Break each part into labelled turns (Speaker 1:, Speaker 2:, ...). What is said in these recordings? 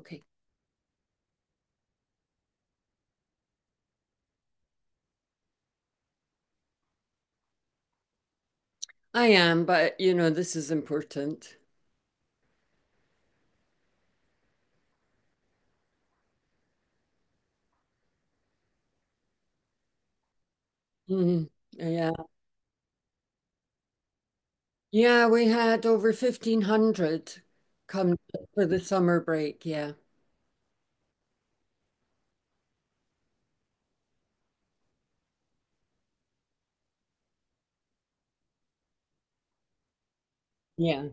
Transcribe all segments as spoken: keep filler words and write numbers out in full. Speaker 1: Okay, I am, but you know, this is important. Mhm. Yeah. Yeah, we had over fifteen hundred come for the summer break. Yeah. Yeah.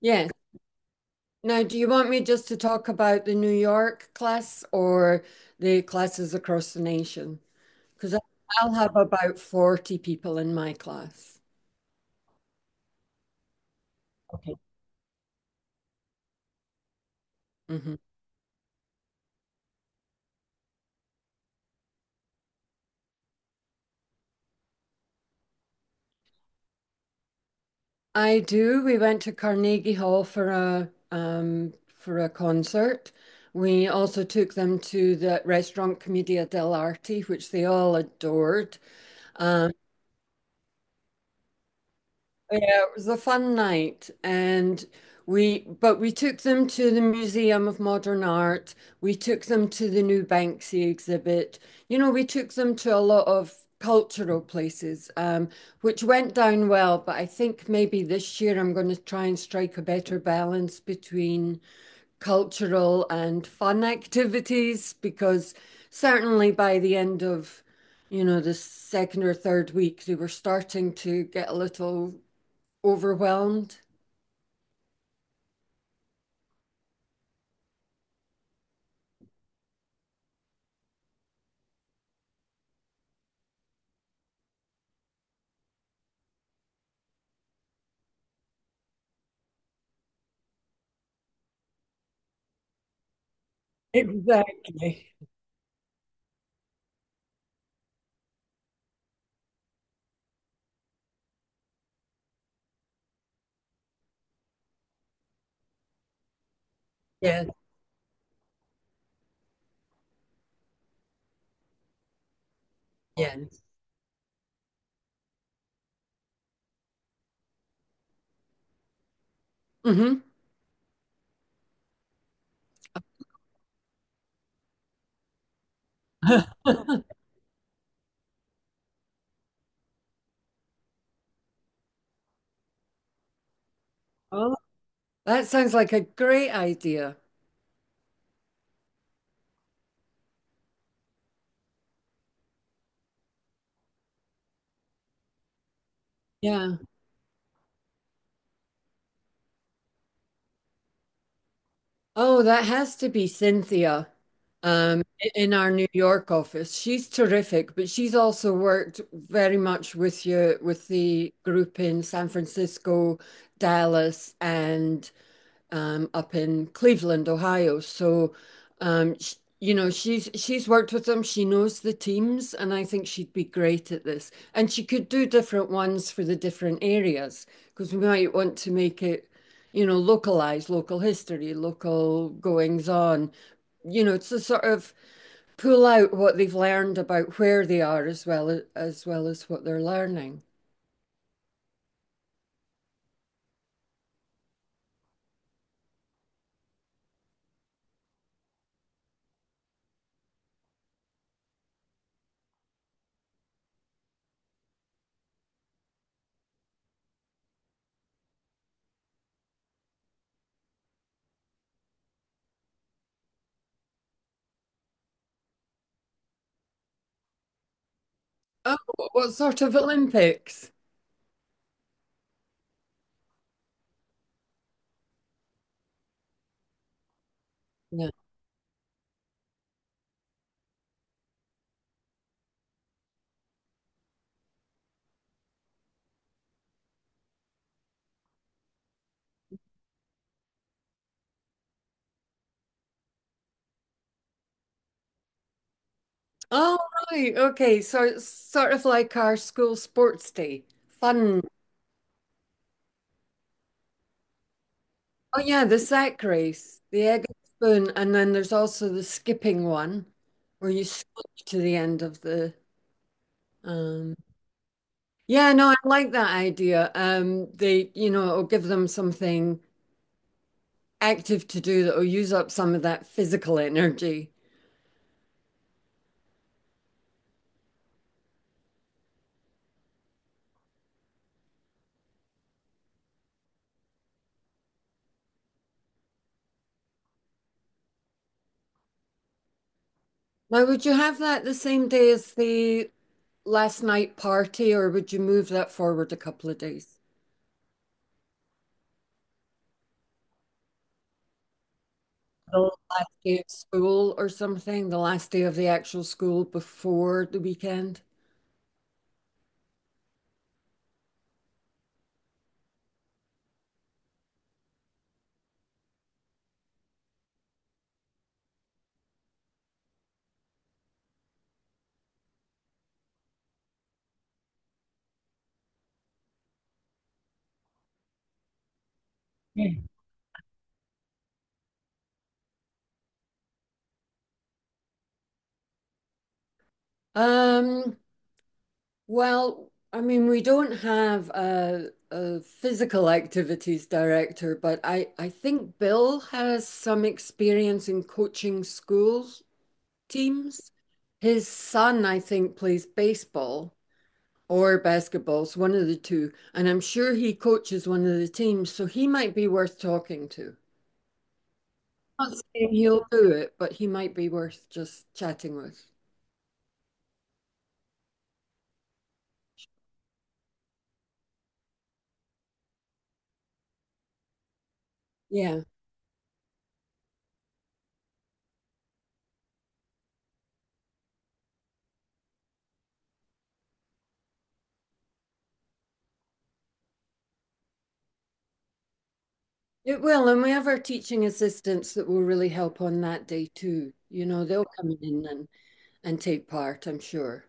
Speaker 1: Yes. Now, do you want me just to talk about the New York class or the classes across the nation? Because I'll have about forty people in my class. Okay. Mhm. I do. We went to Carnegie Hall for a um, for a concert. We also took them to the restaurant Commedia dell'arte, which they all adored. Um, Yeah, it was a fun night and we but we took them to the Museum of Modern Art. We took them to the new Banksy exhibit. You know, we took them to a lot of cultural places, um, which went down well, but I think maybe this year I'm going to try and strike a better balance between cultural and fun activities because certainly by the end of you know, the second or third week, they were starting to get a little overwhelmed. Exactly. Yes, yes. Hmm. Oh, that sounds like a great idea. Yeah. Oh, that has to be Cynthia, um, i- in our New York office. She's terrific, but she's also worked very much with you with the group in San Francisco, Dallas, and um, up in Cleveland, Ohio. So, um, sh you know, she's she's worked with them. She knows the teams, and I think she'd be great at this. And she could do different ones for the different areas because we might want to make it, you know, localized, local history, local goings on. You know, to sort of pull out what they've learned about where they are as well as, as well as what they're learning. Oh, what sort of Olympics? Oh, right. Okay. So sort of like our school sports day. Fun. Oh, yeah. The sack race, the egg and spoon. And then there's also the skipping one where you skip to the end of the. Um... Yeah, no, I like that idea. Um, they, you know, it'll give them something active to do that will use up some of that physical energy. Now, would you have that the same day as the last night party, or would you move that forward a couple of days? The last day of school or something, the last day of the actual school before the weekend? Um, well, I mean, we don't have a, a physical activities director, but I, I think Bill has some experience in coaching school teams. His son, I think, plays baseball or basketball, so one of the two, and I'm sure he coaches one of the teams, so he might be worth talking to. Not saying he'll do it, but he might be worth just chatting with. Yeah, it will. And we have our teaching assistants that will really help on that day too. You know, they'll come in and, and take part, I'm sure.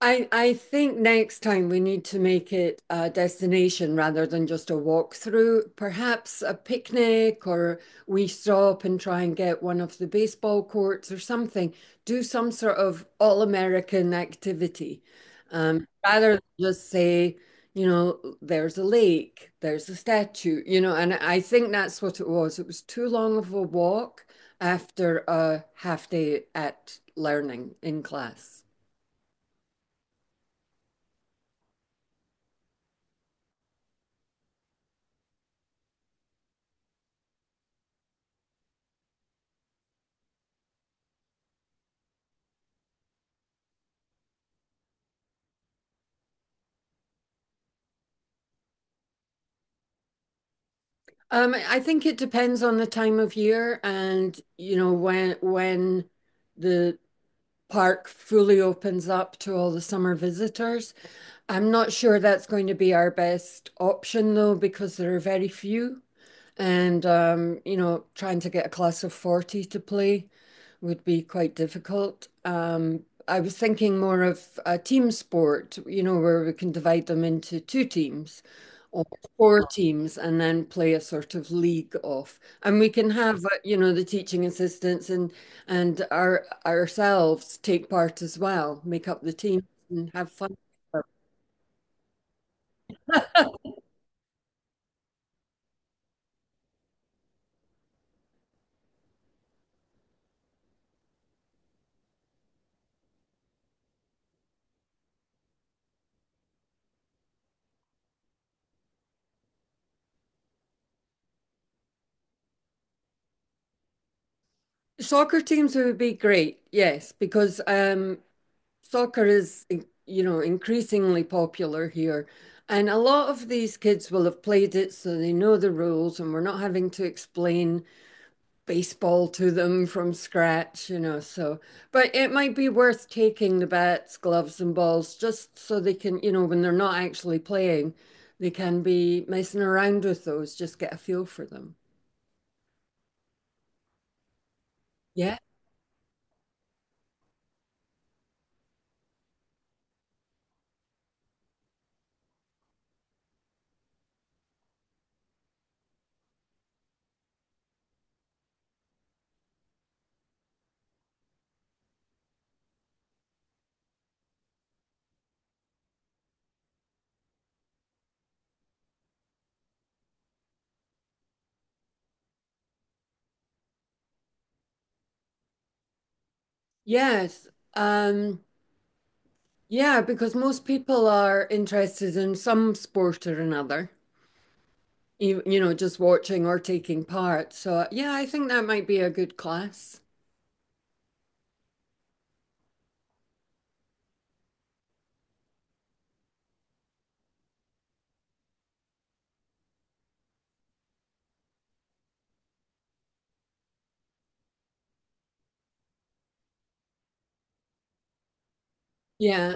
Speaker 1: I I think next time we need to make it a destination rather than just a walkthrough. Perhaps a picnic, or we stop and try and get one of the baseball courts or something. Do some sort of all-American activity, um, rather than just say, you know, there's a lake, there's a statue, you know. And I think that's what it was. It was too long of a walk after a half day at learning in class. Um, I think it depends on the time of year and you know when when the park fully opens up to all the summer visitors. I'm not sure that's going to be our best option though, because there are very few. And um, you know, trying to get a class of forty to play would be quite difficult. Um, I was thinking more of a team sport, you know, where we can divide them into two teams or four teams and then play a sort of league off. And we can have, uh, you know, the teaching assistants and and our ourselves take part as well, make up the team and have fun. Soccer teams would be great, yes, because um, soccer is, you know, increasingly popular here. And a lot of these kids will have played it, so they know the rules, and we're not having to explain baseball to them from scratch, you know. So, but it might be worth taking the bats, gloves, and balls just so they can, you know, when they're not actually playing, they can be messing around with those, just get a feel for them. Yeah. Yes. Um, yeah, because most people are interested in some sport or another. You, you know, just watching or taking part. So yeah, I think that might be a good class. Yeah.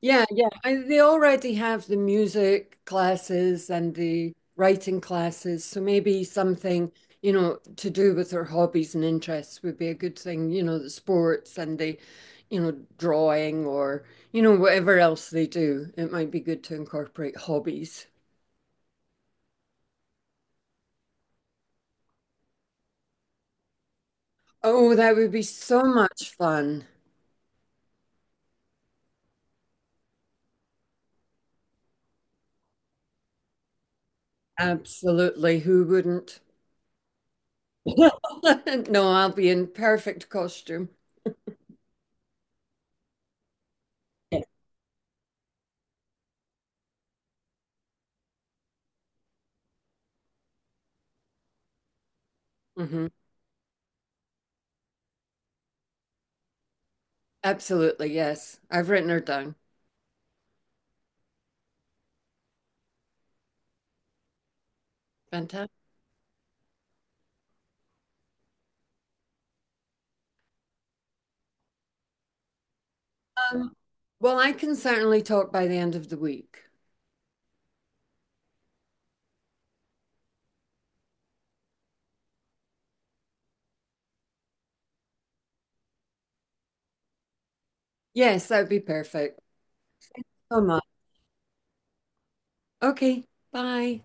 Speaker 1: Yeah, yeah. I, they already have the music classes and the writing classes, so maybe something, you know, to do with their hobbies and interests would be a good thing, you know, the sports and the, you know, drawing or, you know, whatever else they do. It might be good to incorporate hobbies. Oh, that would be so much fun. Absolutely. Who wouldn't? No, I'll be in perfect costume. Yeah. Hmm. Absolutely, yes. I've written her down. Fantastic. Um, well, I can certainly talk by the end of the week. Yes, that would be perfect. So much. Okay, bye.